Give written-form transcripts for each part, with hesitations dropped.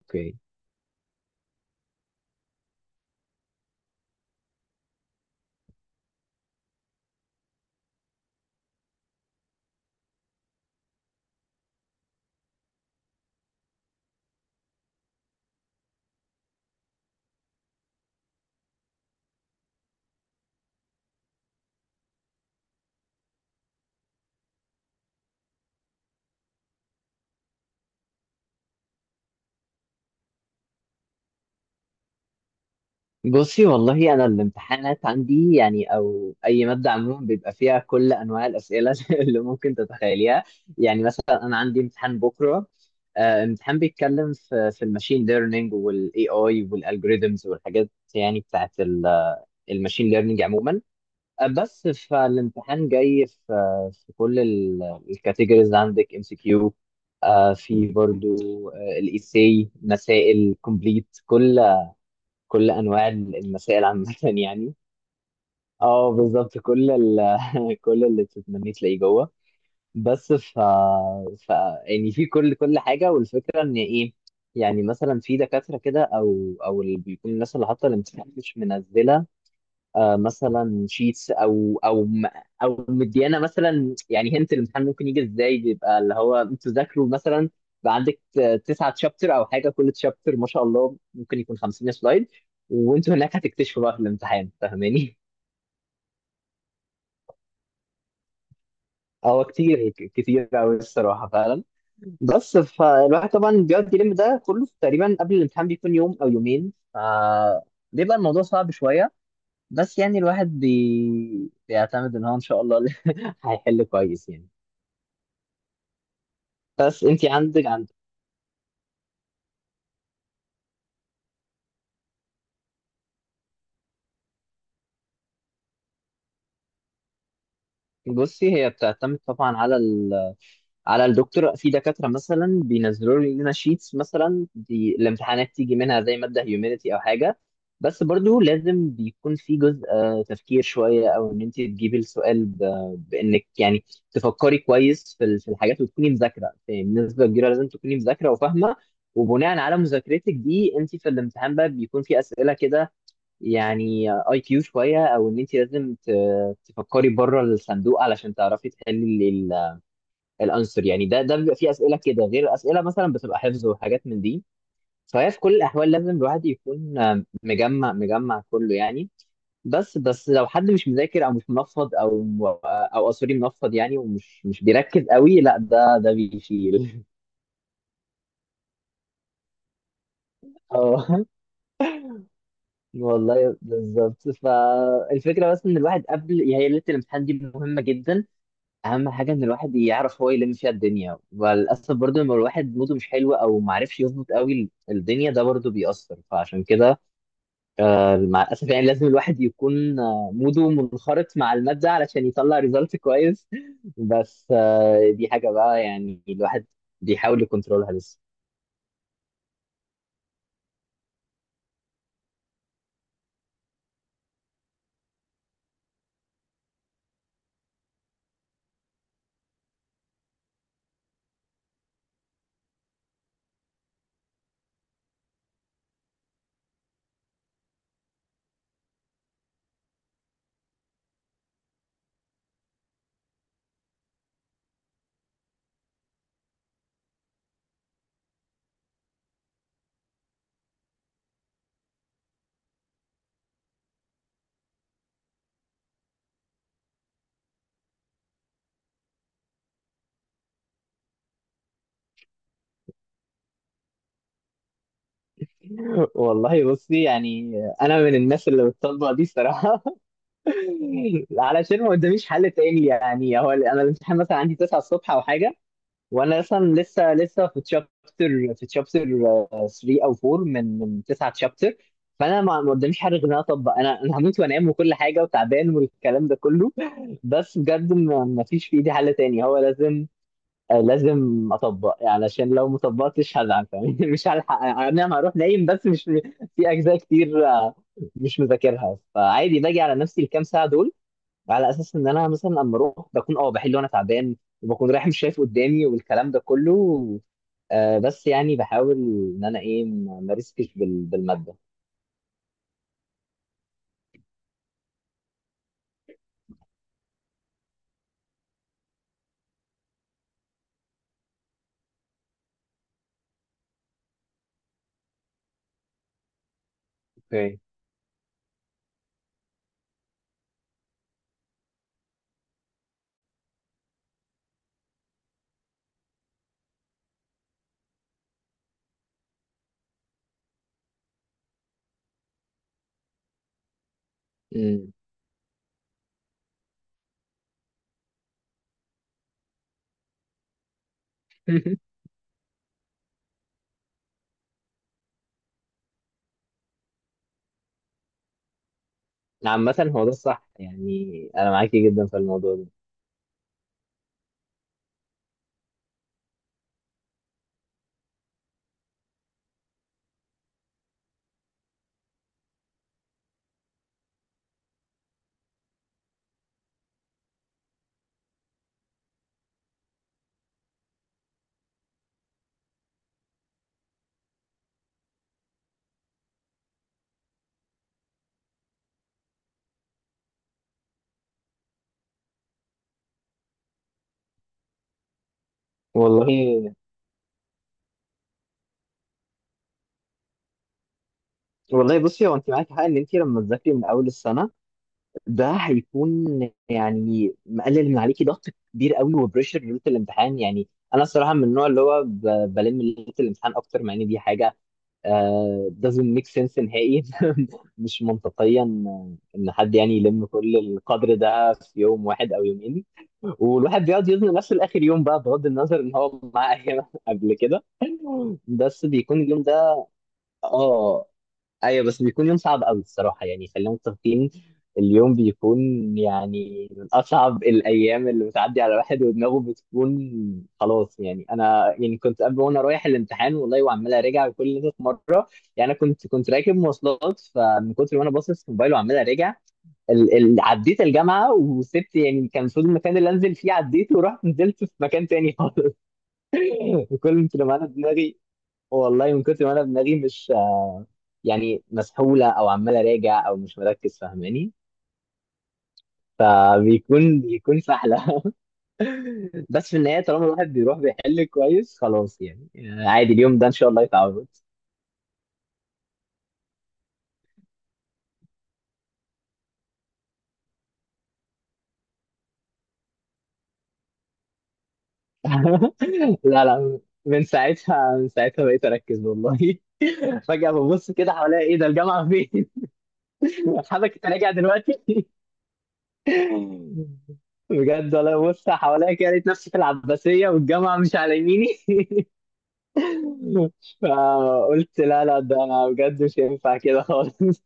اوكي. بصي والله انا الامتحانات عندي، يعني او اي ماده عموما بيبقى فيها كل انواع الاسئله اللي ممكن تتخيليها. يعني مثلا انا عندي امتحان بكره. امتحان بيتكلم في الماشين ليرنينج والاي اي والالجوريزمز والحاجات، يعني بتاعت الماشين ليرنينج عموما. بس فالامتحان جاي في كل الكاتيجوريز، عندك ام سي كيو، في برضو الايساي، مسائل كومبليت، كل انواع المسائل عامه يعني. اه بالظبط كل كل اللي تتمنيه تلاقيه جوه. بس ف... ف يعني في كل حاجه، والفكره ان ايه؟ يعني مثلا في دكاتره كده، او اللي بيكون الناس اللي حاطه الامتحان مش منزله، آه مثلا شيتس او مديانا مثلا. يعني هنت الامتحان ممكن يجي ازاي؟ بيبقى اللي هو انتوا ذاكروا مثلا، بقى عندك تسعة تشابتر او حاجه، كل تشابتر ما شاء الله ممكن يكون 50 سلايد، وانتوا هناك هتكتشفوا بقى في الامتحان. فاهماني؟ هو كتير، كتير قوي الصراحه فعلا. بس فالواحد طبعا بيقعد يلم ده كله تقريبا قبل الامتحان، بيكون يوم او يومين، ف بيبقى الموضوع صعب شويه. بس يعني الواحد بيعتمد ان هو ان شاء الله هيحل كويس يعني. بس انت عندك. بصي، هي بتعتمد طبعا على الدكتور. في دكاترة مثلا بينزلوا لنا شيتس، مثلا دي الامتحانات تيجي منها، زي مادة هيومانيتي أو حاجة، بس برضو لازم بيكون في جزء تفكير شوية، أو إن أنت تجيبي السؤال بإنك يعني تفكري كويس في في الحاجات، وتكوني مذاكرة. يعني بنسبة كبيرة لازم تكوني مذاكرة وفاهمة، وبناء على مذاكرتك دي أنت في الامتحان بقى بيكون في أسئلة كده، يعني اي كيو شوية، أو إن أنت لازم تفكري بره الصندوق علشان تعرفي تحلي الانسر. يعني ده بيبقى فيه اسئله كده غير اسئله مثلا بتبقى حفظ وحاجات من دي. فهي في كل الاحوال لازم الواحد يكون مجمع مجمع كله يعني. بس لو حد مش مذاكر او مش منفض، او او آه، سوري، منفض يعني، ومش مش بيركز قوي، لا، ده بيشيل. اه والله بالظبط. فالفكره بس ان الواحد قبل، هي ليله الامتحان دي مهمه جدا، اهم حاجه ان الواحد يعرف هو يلم فيها الدنيا. وللاسف برضو، لما الواحد موده مش حلو او ما عرفش يظبط قوي الدنيا، ده برضو بيأثر. فعشان كده مع الاسف يعني لازم الواحد يكون موده منخرط مع الماده علشان يطلع ريزلت كويس. بس دي حاجه بقى يعني الواحد بيحاول يكنترولها لسه. والله بصي، يعني انا من الناس اللي بتطبق دي الصراحه. علشان ما قداميش حل تاني. يعني هو انا الامتحان مثلا عندي 9 الصبح او حاجه، وانا اصلا لسه في تشابتر، في تشابتر 3 او 4 من تسعة تشابتر. فانا ما قداميش حاجه غير ان انا اطبق. انا هموت وانام وكل حاجه، وتعبان والكلام ده كله، بس بجد ما فيش في ايدي حل تاني، هو لازم لازم اطبق يعني، عشان لو ما طبقتش هزعل. فاهم؟ مش هلحق يعني، انا هروح نايم، بس مش في اجزاء كتير مش مذاكرها، فعادي باجي على نفسي الكام ساعه دول، على اساس ان انا مثلا اما اروح بكون بحل وانا تعبان، وبكون رايح مش شايف قدامي والكلام ده كله. بس يعني بحاول ان انا ايه، ما ريسكش بالماده. اوكي. امم. عامة هو ده الصح يعني، انا معاكي جدا في الموضوع ده والله. والله بصي، هو انت معاكي حق، ان انت لما تذاكري من اول السنه، ده هيكون يعني مقلل من عليكي ضغط كبير قوي وبريشر ليله الامتحان. يعني انا الصراحه من النوع اللي هو بلم ليله الامتحان اكتر، مع ان دي حاجه doesn't make sense نهائي. مش منطقيا ان حد يعني يلم كل القدر ده في يوم واحد او يومين، والواحد بيقعد يزنق نفسه لاخر يوم، بقى بغض النظر ان هو معاه ايام قبل كده. بس بيكون اليوم ده، اه ايوه، بس بيكون يوم صعب قوي الصراحه، يعني خلينا متفقين، اليوم بيكون يعني من اصعب الايام اللي بتعدي على الواحد، ودماغه بتكون خلاص يعني. انا يعني كنت قبل وانا رايح الامتحان والله وعمال اراجع كل ده في مره، يعني انا كنت راكب مواصلات، فمن كتر ما انا باصص في موبايل وعمال اراجع عديت الجامعه وسبت. يعني كان المفروض المكان اللي انزل فيه عديته، ورحت نزلت في مكان تاني خالص. كل ما انا دماغي، والله من كتر ما انا دماغي مش يعني مسحوله، او عمال اراجع، او مش مركز، فاهماني؟ بيكون سحله. بس في النهايه، طالما الواحد بيروح بيحل كويس، خلاص يعني، عادي، اليوم ده ان شاء الله يتعود. لا لا، من ساعتها، من ساعتها بقيت اركز والله. فجاه ببص كده حواليا، ايه ده؟ الجامعه فين؟ حضرتك راجع دلوقتي! بجد والله، ببص حواليا كده لقيت نفسي في العباسيه، والجامعه مش على يميني. فقلت لا لا، ده انا بجد مش هينفع كده خالص.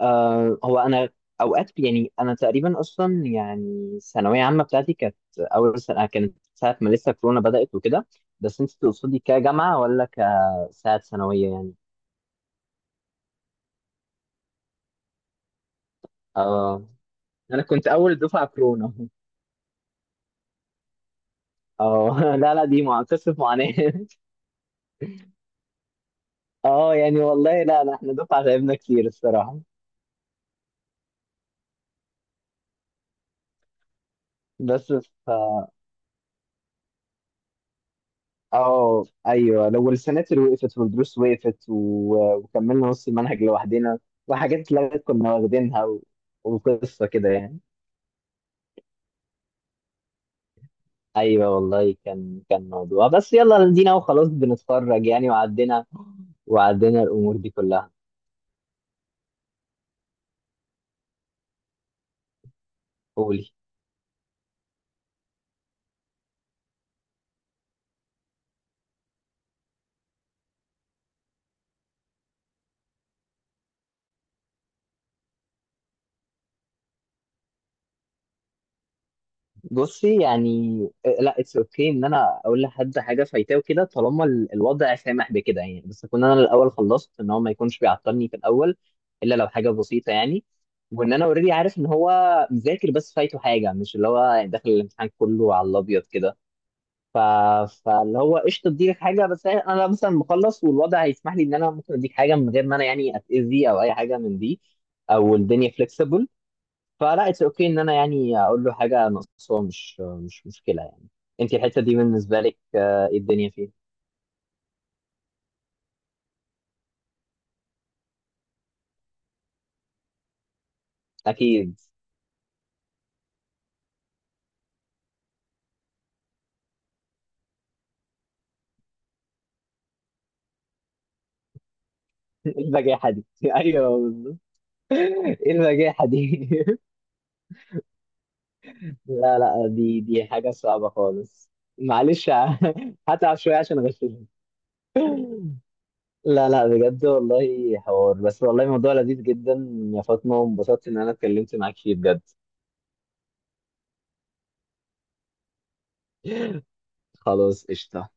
آه، هو انا اوقات، يعني انا تقريبا اصلا يعني الثانويه عامه بتاعتي كانت اول سنه كانت ساعه ما لسه كورونا بدات وكده، بس انت تقصدي كجامعه ولا كساعه ثانويه يعني؟ اه، انا كنت اول دفعه كورونا. اه لا لا، دي مع قصه معاناه. اه يعني والله، لا لا، احنا دفعه تعبنا كتير الصراحه بس. اه ايوه، لو السناتر وقفت والدروس وقفت، وكملنا نص المنهج لوحدنا، وحاجات اتلغت كنا واخدينها، وقصه كده يعني. ايوه والله كان موضوع، بس يلا دينا وخلاص بنتخرج يعني، وعدينا، وعدينا الامور دي كلها. قولي. بصي يعني، لا، اتس اوكي، okay ان انا اقول لحد حاجه فايتاه وكده، طالما الوضع سامح بكده يعني، بس اكون انا الاول خلصت، ان هو ما يكونش بيعطلني في الاول، الا لو حاجه بسيطه يعني، وان انا اوريدي عارف ان هو مذاكر، بس فايته حاجه، مش اللي هو داخل الامتحان كله على الابيض كده. ف... فاللي هو قشطه اديلك حاجه، بس انا مثلا مخلص والوضع هيسمح لي، ان انا ممكن اديك حاجه من غير ما انا يعني اتاذي او اي حاجه من دي، او الدنيا فليكسبل. فلا، اتس اوكي ان انا يعني اقول له حاجه ناقصه، مش مشكله يعني. انت الحته دي بالنسبه لك ايه الدنيا فيها؟ اكيد. ايه البجاحه دي! ايوه بالظبط، ايه البجاحه دي! لا لا، دي حاجه صعبه خالص. معلش. هتعب شويه عشان اغششك. لا لا بجد والله، حوار، بس والله موضوع لذيذ جدا يا فاطمه، وانبسطت ان انا اتكلمت معاك فيه بجد. خلاص قشطه.